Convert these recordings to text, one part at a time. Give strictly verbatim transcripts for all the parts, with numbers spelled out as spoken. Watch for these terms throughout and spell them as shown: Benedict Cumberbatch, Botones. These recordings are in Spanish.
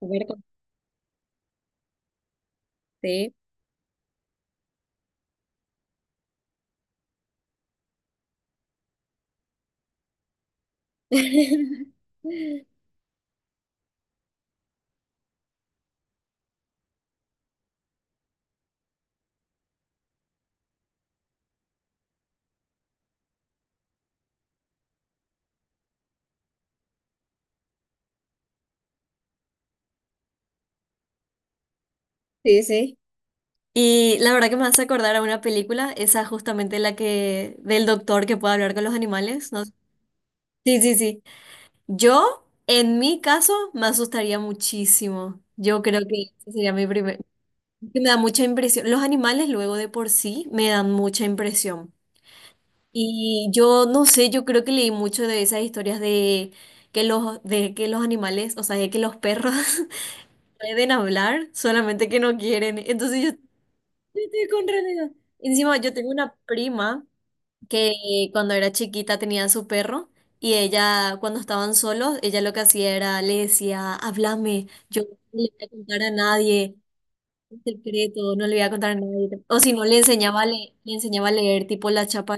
Comer con té. Sí, sí. Y la verdad que me hace acordar a una película, esa justamente la que del doctor que puede hablar con los animales, ¿no? Sí, sí, sí. Yo, en mi caso, me asustaría muchísimo. Yo creo que ese sería mi primer... Que me da mucha impresión. Los animales luego de por sí me dan mucha impresión. Y yo no sé, yo creo que leí mucho de esas historias de que los, de que los animales, o sea, de que los perros pueden hablar, solamente que no quieren. Entonces yo yo estoy con realidad. Encima yo tengo una prima que cuando era chiquita tenía su perro y ella cuando estaban solos, ella lo que hacía era le decía, háblame, yo no le voy a contar a nadie un secreto, no le voy a contar a nadie. O si no le enseñaba a le, le enseñaba a leer tipo la chapa.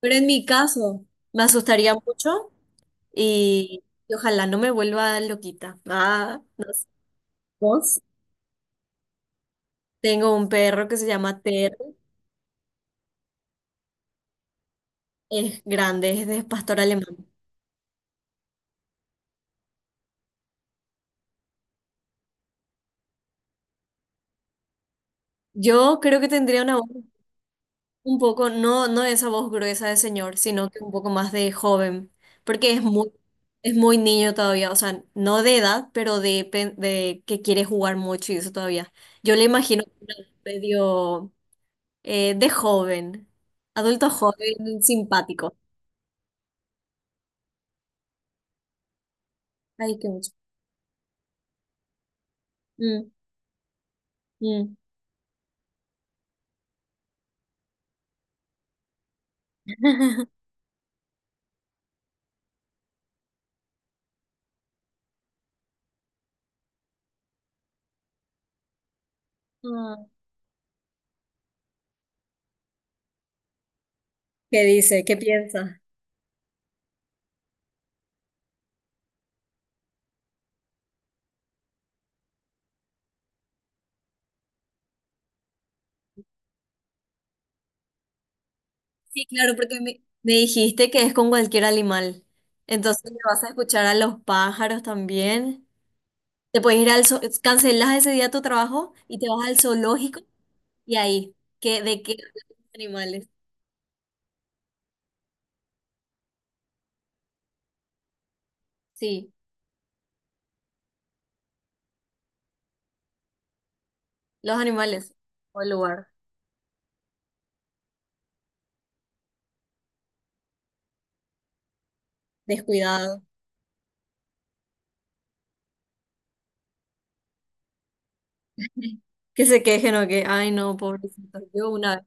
Pero en mi caso me asustaría mucho y, y ojalá no me vuelva loquita. Ah, no sé. ¿Vos? Tengo un perro que se llama Terry, es grande, es de pastor alemán. Yo creo que tendría una voz un poco, no, no esa voz gruesa de señor, sino que un poco más de joven, porque es muy, es muy niño todavía, o sea, no de edad, pero de, pen- de que quiere jugar mucho y eso todavía. Yo le imagino una voz medio eh, de joven, adulto joven, simpático. Ay, qué mucho. Mm, mm. Ah, ¿qué dice? ¿Qué piensa? Sí, claro, porque me, me dijiste que es con cualquier animal. Entonces le vas a escuchar a los pájaros también. Te puedes ir al zoo, cancelas ese día tu trabajo y te vas al zoológico y ahí, ¿que de qué hablan los animales? Sí, los animales o el lugar descuidado, que se quejen o que, ay no, pobrecito, yo una vez.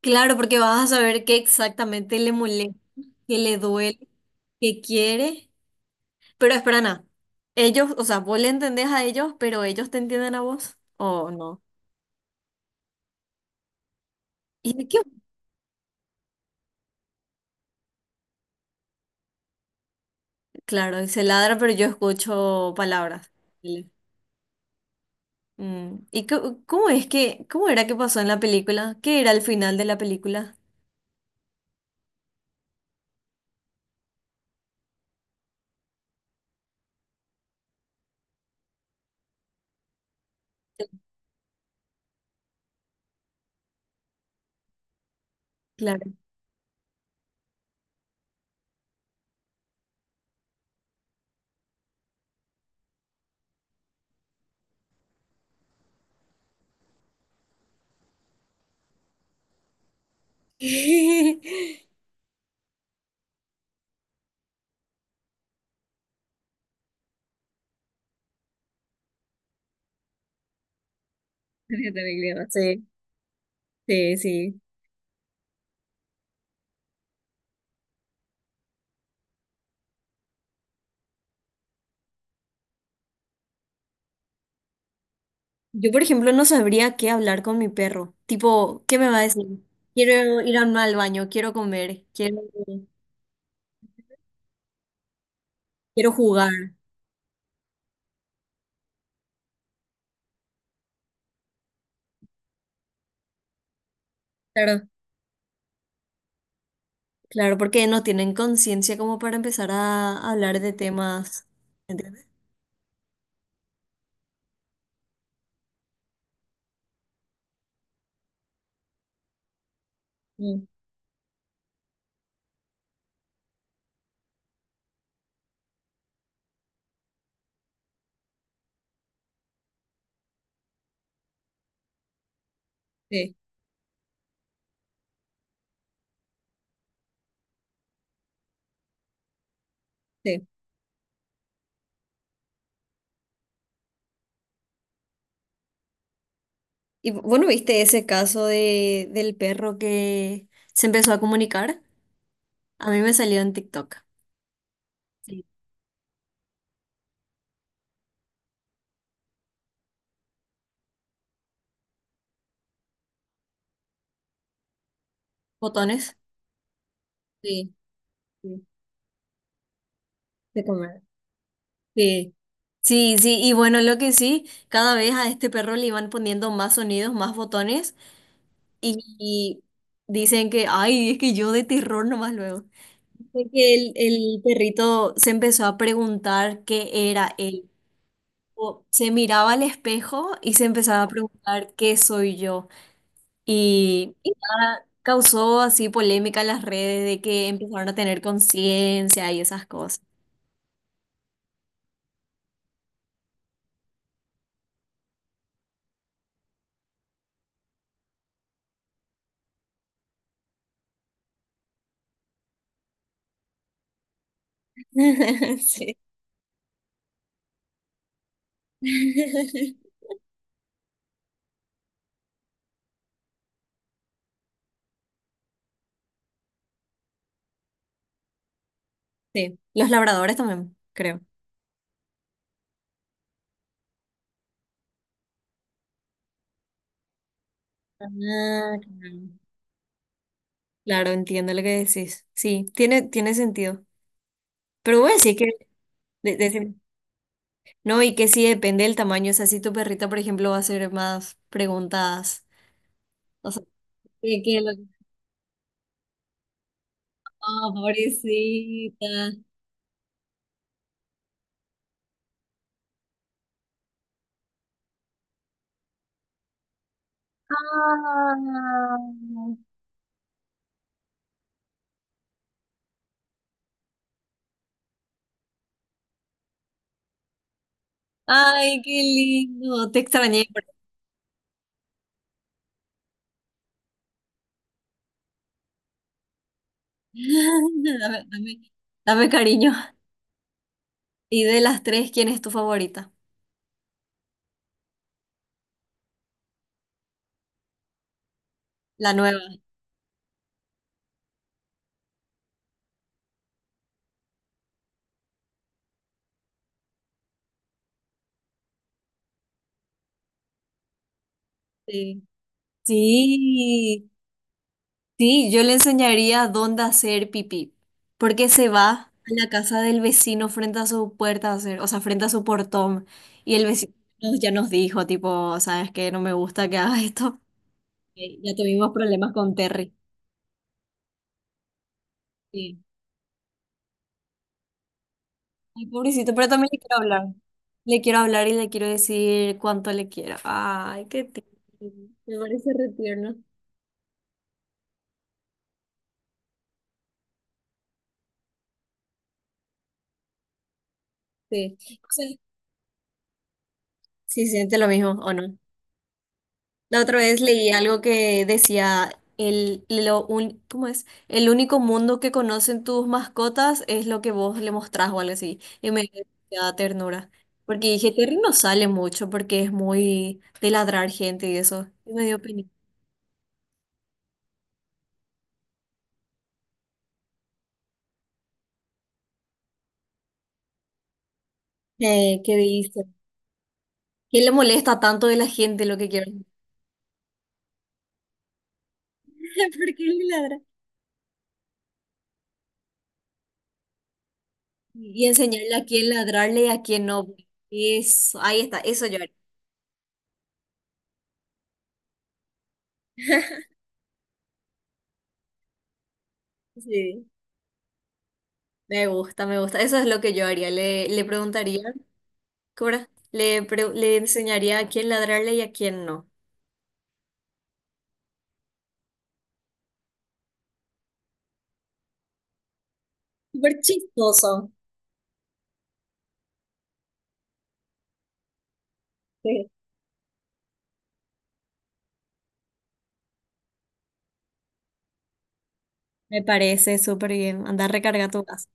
Claro, porque vas a saber qué exactamente le molesta, qué le duele, qué quiere. Pero espera, Ana, ellos, o sea, vos le entendés a ellos, pero ellos te entienden a vos, ¿o no? ¿Y de qué? Claro, y se ladra, pero yo escucho palabras. Dale. Mm, ¿y cómo cómo es que, cómo era que pasó en la película? ¿Qué era el final de la película? Claro. Yo también creo, sí, sí, sí. Yo, por ejemplo, no sabría qué hablar con mi perro. Tipo, ¿qué me va a decir? Quiero ir al al baño, quiero comer, quiero, quiero jugar. Claro. Claro, porque no tienen conciencia como para empezar a hablar de temas, ¿entiendes? Mm, sí, sí. Y bueno, ¿viste ese caso de, del perro que se empezó a comunicar? A mí me salió en TikTok. Sí. Botones. Sí, sí, de comer. Sí, sí, sí, y bueno, lo que sí, cada vez a este perro le iban poniendo más sonidos, más botones, y, y dicen que, ay, es que yo de terror nomás luego. Fue que el, el perrito se empezó a preguntar qué era él. O se miraba al espejo y se empezaba a preguntar qué soy yo. Y, y nada, causó así polémica en las redes de que empezaron a tener conciencia y esas cosas. Sí. Sí. Los labradores también, creo. Ah, claro. Claro, entiendo lo que decís. Sí, tiene, tiene sentido. Pero voy a decir que, de, de- no, y que sí depende del tamaño. O sea, si tu perrita, por ejemplo, va a hacer más preguntadas. O sea, que, que lo... Oh, pobrecita. Ah, ay, qué lindo. Te extrañé. Pero... Dame, dame- dame cariño. Y de las tres, ¿quién es tu favorita? La nueva. Sí. Sí. Sí, yo le enseñaría dónde hacer pipí, porque se va a la casa del vecino frente a su puerta a hacer, o sea, frente a su portón, y el vecino nos- ya nos dijo, tipo, sabes que no me gusta que hagas esto. Eh, Ya tuvimos problemas con Terry. Sí. Ay, pobrecito, pero también le quiero hablar. Le quiero hablar y le quiero decir cuánto le quiero. Ay, qué tierno. Me parece re tierno. Sí. O sea, sí, siente lo mismo, ¿o no? La otra vez leí algo que decía el, lo un- ¿cómo es? El único mundo que conocen tus mascotas es lo que vos le mostrás o algo así. Y me dio demasiada ternura. Porque dije, Terry no sale mucho porque es muy de ladrar gente y eso. Y me dio pena. Eh, ¿qué dice? ¿Qué le molesta tanto de la gente lo que quiero? ¿Por qué le ladra? Y enseñarle a quién ladrarle y a quién no. Eso, ahí está, eso yo haría. Sí. Me gusta, me gusta. Eso es lo que yo haría. Le, le preguntaría. Cora, le, pre- le enseñaría a quién ladrarle y a quién no. Súper chistoso. Sí. Me parece súper bien. Anda, recarga tu casa.